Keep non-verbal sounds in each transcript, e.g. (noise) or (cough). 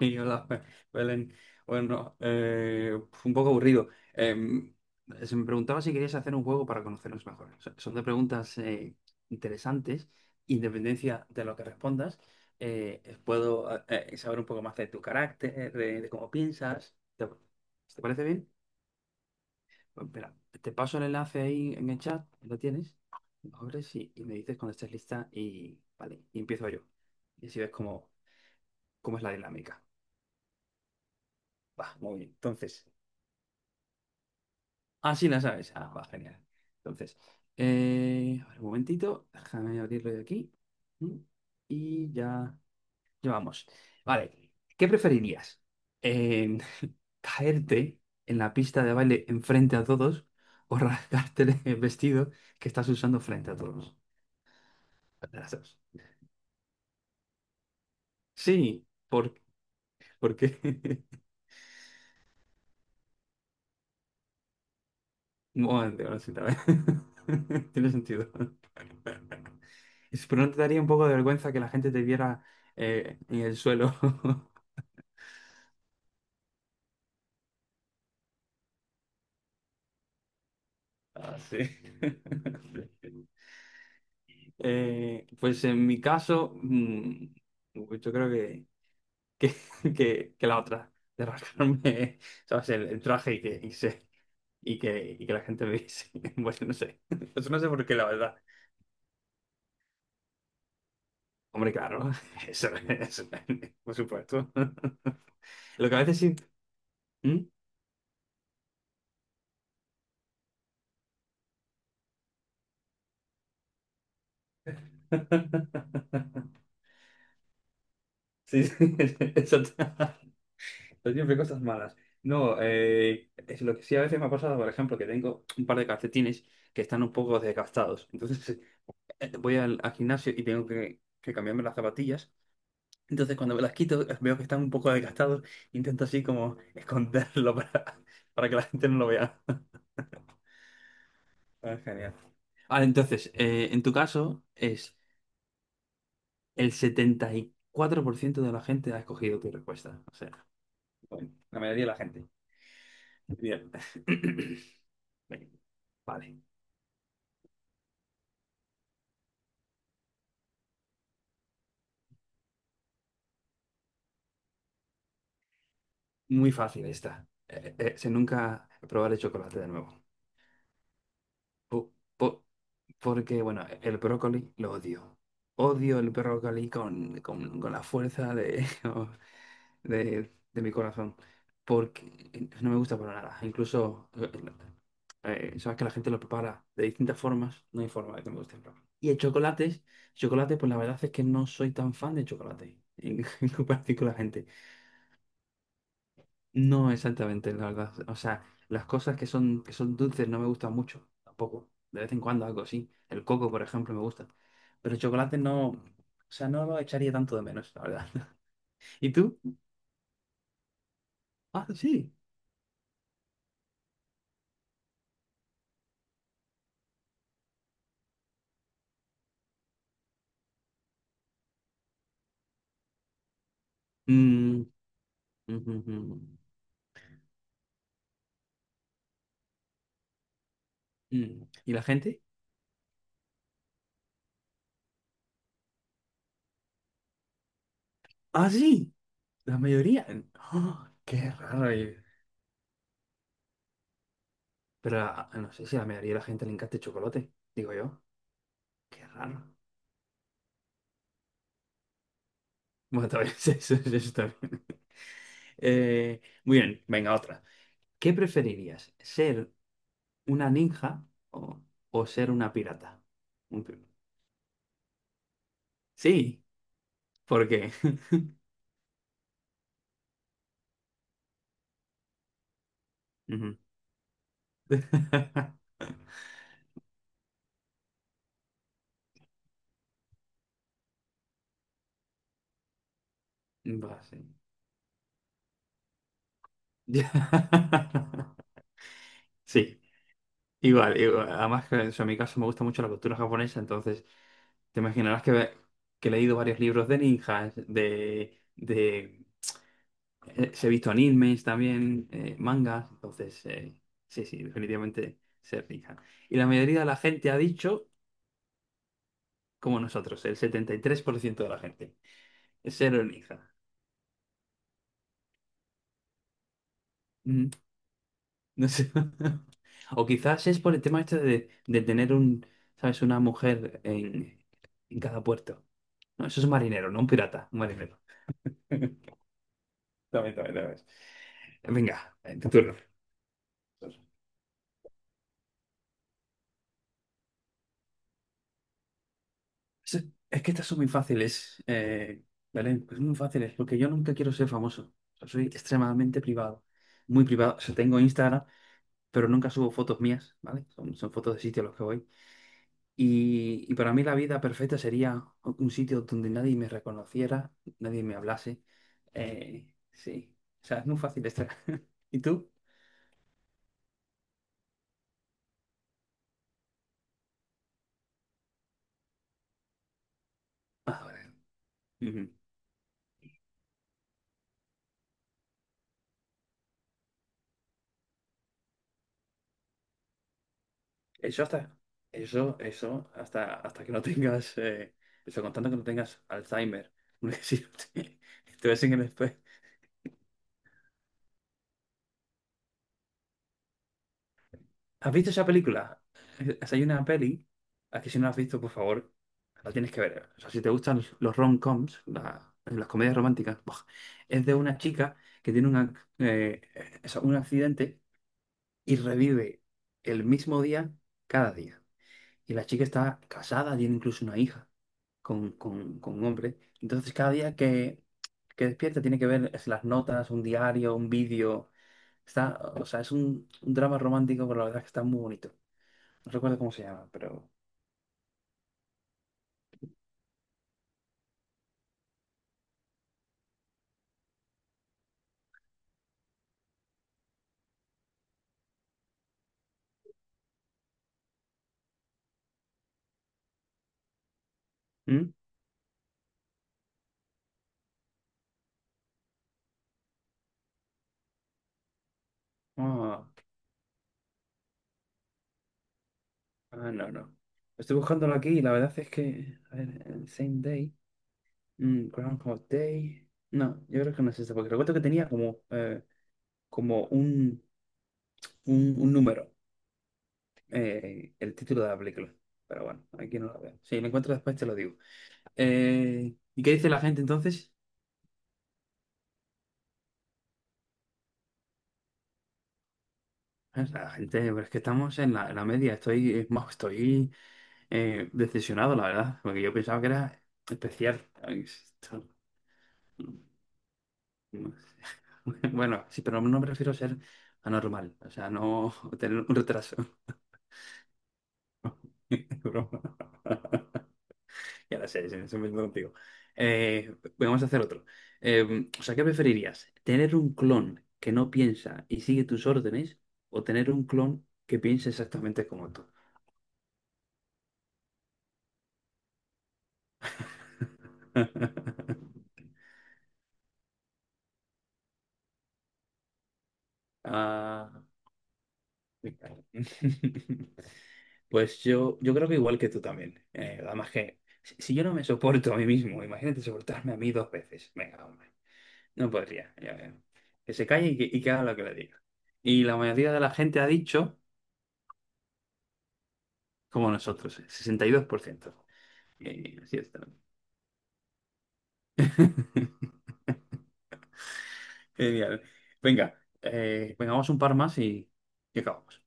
Hola, Belén. Bueno, fue un poco aburrido. Se me preguntaba si querías hacer un juego para conocernos mejor. O sea, son de preguntas interesantes. Independencia de lo que respondas, puedo saber un poco más de tu carácter, de cómo piensas. ¿Te parece bien? Pues espera, te paso el enlace ahí en el chat. ¿Lo tienes? Lo abres y me dices cuando estés lista y, vale, y empiezo yo. Y así ves cómo es la dinámica. Va, muy bien. Entonces. Ah, sí, la sabes. Ah, va, genial. Entonces, a ver, un momentito, déjame abrirlo de aquí. Mm, Y ya, ya vamos. Vale, ¿qué preferirías? Eh, (laughs) ¿caerte en la pista de baile enfrente a todos o (laughs) rasgarte el vestido que estás usando frente a todos? De las dos. Sí, ¿por qué? (laughs) Bueno, ahora sí, tal vez. (laughs) Tiene sentido. Pero no te daría un poco de vergüenza que la gente te viera en el suelo. (laughs) Ah, sí. (laughs) Pues en mi caso, pues yo creo que, (laughs) que la otra, de rascarme, (laughs) ¿sabes? El traje y y que la gente me viese. (laughs) Bueno, no sé. Eso no sé por qué, la verdad. Hombre, claro, (laughs) eso, por supuesto. (laughs) Lo que a veces sí. ¿Mm? (laughs) Sí, sí, (laughs) eso t- (laughs) pero siempre cosas malas. No, es lo que sí a veces me ha pasado, por ejemplo, que tengo un par de calcetines que están un poco desgastados. Entonces (laughs) voy al gimnasio y tengo que cambiarme las zapatillas. Entonces cuando me las quito (laughs) veo que están un poco desgastados. Intento así como esconderlo (laughs) para que la gente no lo vea. (laughs) Ah, genial. Vale, entonces, en tu caso es el 74% de la gente ha escogido tu respuesta. Bueno, la mayoría de la gente. (coughs) Bien. (clears throat) Vale. Muy fácil esta. Si nunca probar el chocolate de nuevo. Po- po- porque, bueno, el brócoli lo odio. Odio el brócoli con la fuerza de... (laughs) de mi corazón, porque no me gusta para nada. Incluso, sabes que la gente lo prepara de distintas formas, no hay forma de que me guste. Chocolate, pues la verdad es que no soy tan fan de chocolate, (laughs) en comparación con la gente. No exactamente, la verdad. O sea, las cosas que son dulces no me gustan mucho, tampoco. De vez en cuando algo así. El coco, por ejemplo, me gusta. Pero el chocolate no, o sea, no lo echaría tanto de menos, la verdad. (laughs) ¿Y tú? Ah, sí. Mm, ujú, ujú. Mm. ¿Y la gente? Ah, sí, la mayoría. ¡Ah! Qué raro. Pero ah, no sé si a la mayoría de la gente le encanta el chocolate, digo yo. Qué raro. Bueno, también (laughs) eso también. Muy bien, venga, otra. ¿Qué preferirías? ¿Ser una ninja o, o ser una pirata? Un pi- Sí, ¿por qué? (laughs) Ujú. (laughs) Va, sí. (laughs) Sí. Igual, igual. Además, que, o sea, en mi caso me gusta mucho la cultura japonesa, entonces te imaginarás que he leído varios libros de ninjas, de he visto animes también, mangas, entonces sí, sí, definitivamente ser ninja. Y la mayoría de la gente ha dicho, como nosotros, el 73% de la gente, ser un ninja. Mm, no sé. (laughs) O quizás es por el tema este de tener un. ¿Sabes? Una mujer en cada puerto. No, eso es un marinero, no un pirata, un marinero. (laughs) También, también, también. Venga, tu turno. Es, es que estas son muy fáciles, Belén, pues muy fáciles, porque yo nunca quiero ser famoso. O sea, soy extremadamente privado, muy privado. O sea, tengo Instagram, pero nunca subo fotos mías, ¿vale? Son fotos de sitios a los que voy. Y para mí la vida perfecta sería un sitio donde nadie me reconociera, nadie me hablase. Sí, o sea, es muy fácil estar. (laughs) ¿Y tú? Ah, vale. Ujú. Eso hasta, hasta que no tengas, eso contando que no tengas Alzheimer. (laughs) Porque si no te ves en el espejo. ¿Has visto esa película? Hay una peli, a que si no la has visto, por favor, la tienes que ver. O sea, si te gustan los rom-coms, las comedias románticas, ¡buah! Es de una chica que tiene eso, un accidente y revive el mismo día cada día. Y la chica está casada, tiene incluso una hija con un hombre. Entonces, cada día que despierta tiene que ver es las notas, un diario, un vídeo. O sea, es un drama romántico, pero la verdad es que está muy bonito. No recuerdo cómo se llama, pero... ¿Mm? Ah, ah, no, no. Estoy buscándolo aquí y la verdad es que... A ver, el Same Day. Mm, Groundhog Day. No, yo creo que no es este, porque recuerdo que tenía como, como un, un número. El título de la película. Pero bueno, aquí no la veo. Si lo encuentro después te lo digo. ¿Y qué dice la gente entonces? La gente, pero es que estamos en en la media. Estoy, es más, estoy decepcionado, la verdad, porque yo pensaba que era especial. No sé. (laughs) Bueno, sí, pero no me refiero a ser anormal, o sea, no tener un retraso. (laughs) Es broma. (laughs) Ya lo sé, sí, estoy metiendo contigo. Vamos a hacer otro. O sea, ¿qué preferirías? ¿Tener un clon que no piensa y sigue tus órdenes o tener un clon que piensa exactamente como tú? (laughs) Ah, me cago. (laughs) Pues yo creo que igual que tú también. Además que si yo no me soporto a mí mismo, imagínate soportarme a mí dos veces. Venga, hombre. No podría. Ya veo. Que se calle y y que haga lo que le diga. Y la mayoría de la gente ha dicho como nosotros, 62%. Así está. (laughs) Genial. Venga, venga, vamos un par más y acabamos.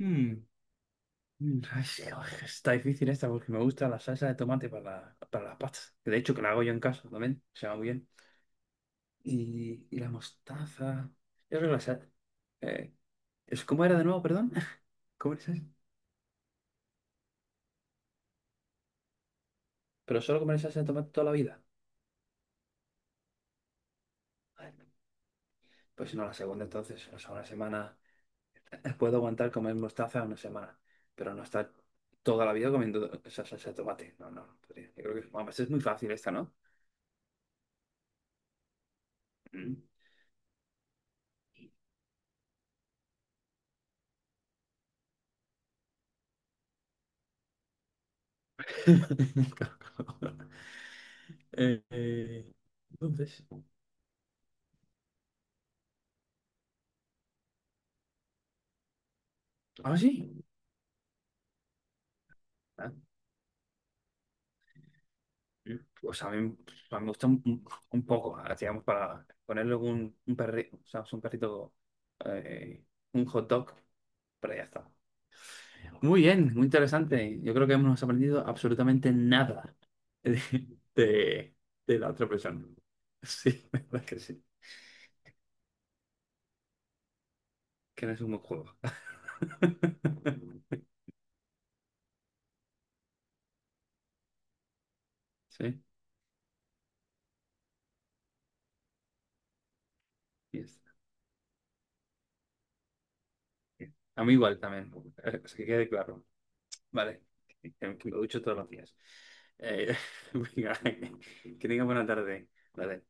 Mm, ay, sí, oj, está difícil esta porque me gusta la salsa de tomate para las pastas. Que de hecho que la hago yo en casa también, se va muy bien. Y la mostaza. Yo creo que eh, ¿cómo era de nuevo, perdón? (laughs) ¿Cómo era esa? ¿Pero solo comer salsa de tomate toda la vida? Ay, Pues si no, la segunda entonces, o sea, una semana. Puedo aguantar comer mostaza una semana, pero no estar toda la vida comiendo esa salsa de tomate. No, no, no podría. Yo creo que además, es muy fácil esta, ¿no? Mm. (laughs) Eh, eh, entonces, ah, sí. Ah, mm. Pues a mí me gusta un poco, ah, digamos, para ponerle un perrito, o sea, un perrito, eh, un hot dog, pero ya está. Muy bien, muy interesante. Yo creo que hemos aprendido absolutamente nada (laughs) de, de- de la otra persona. Sí, (laughs) la verdad que sí. Que no es un buen juego. (laughs) Sí, y ya está. A mí igual también. Así que quede claro. Vale. Que me ducho todos los días. Eh, (laughs) venga, que tenga buena tarde. Vale.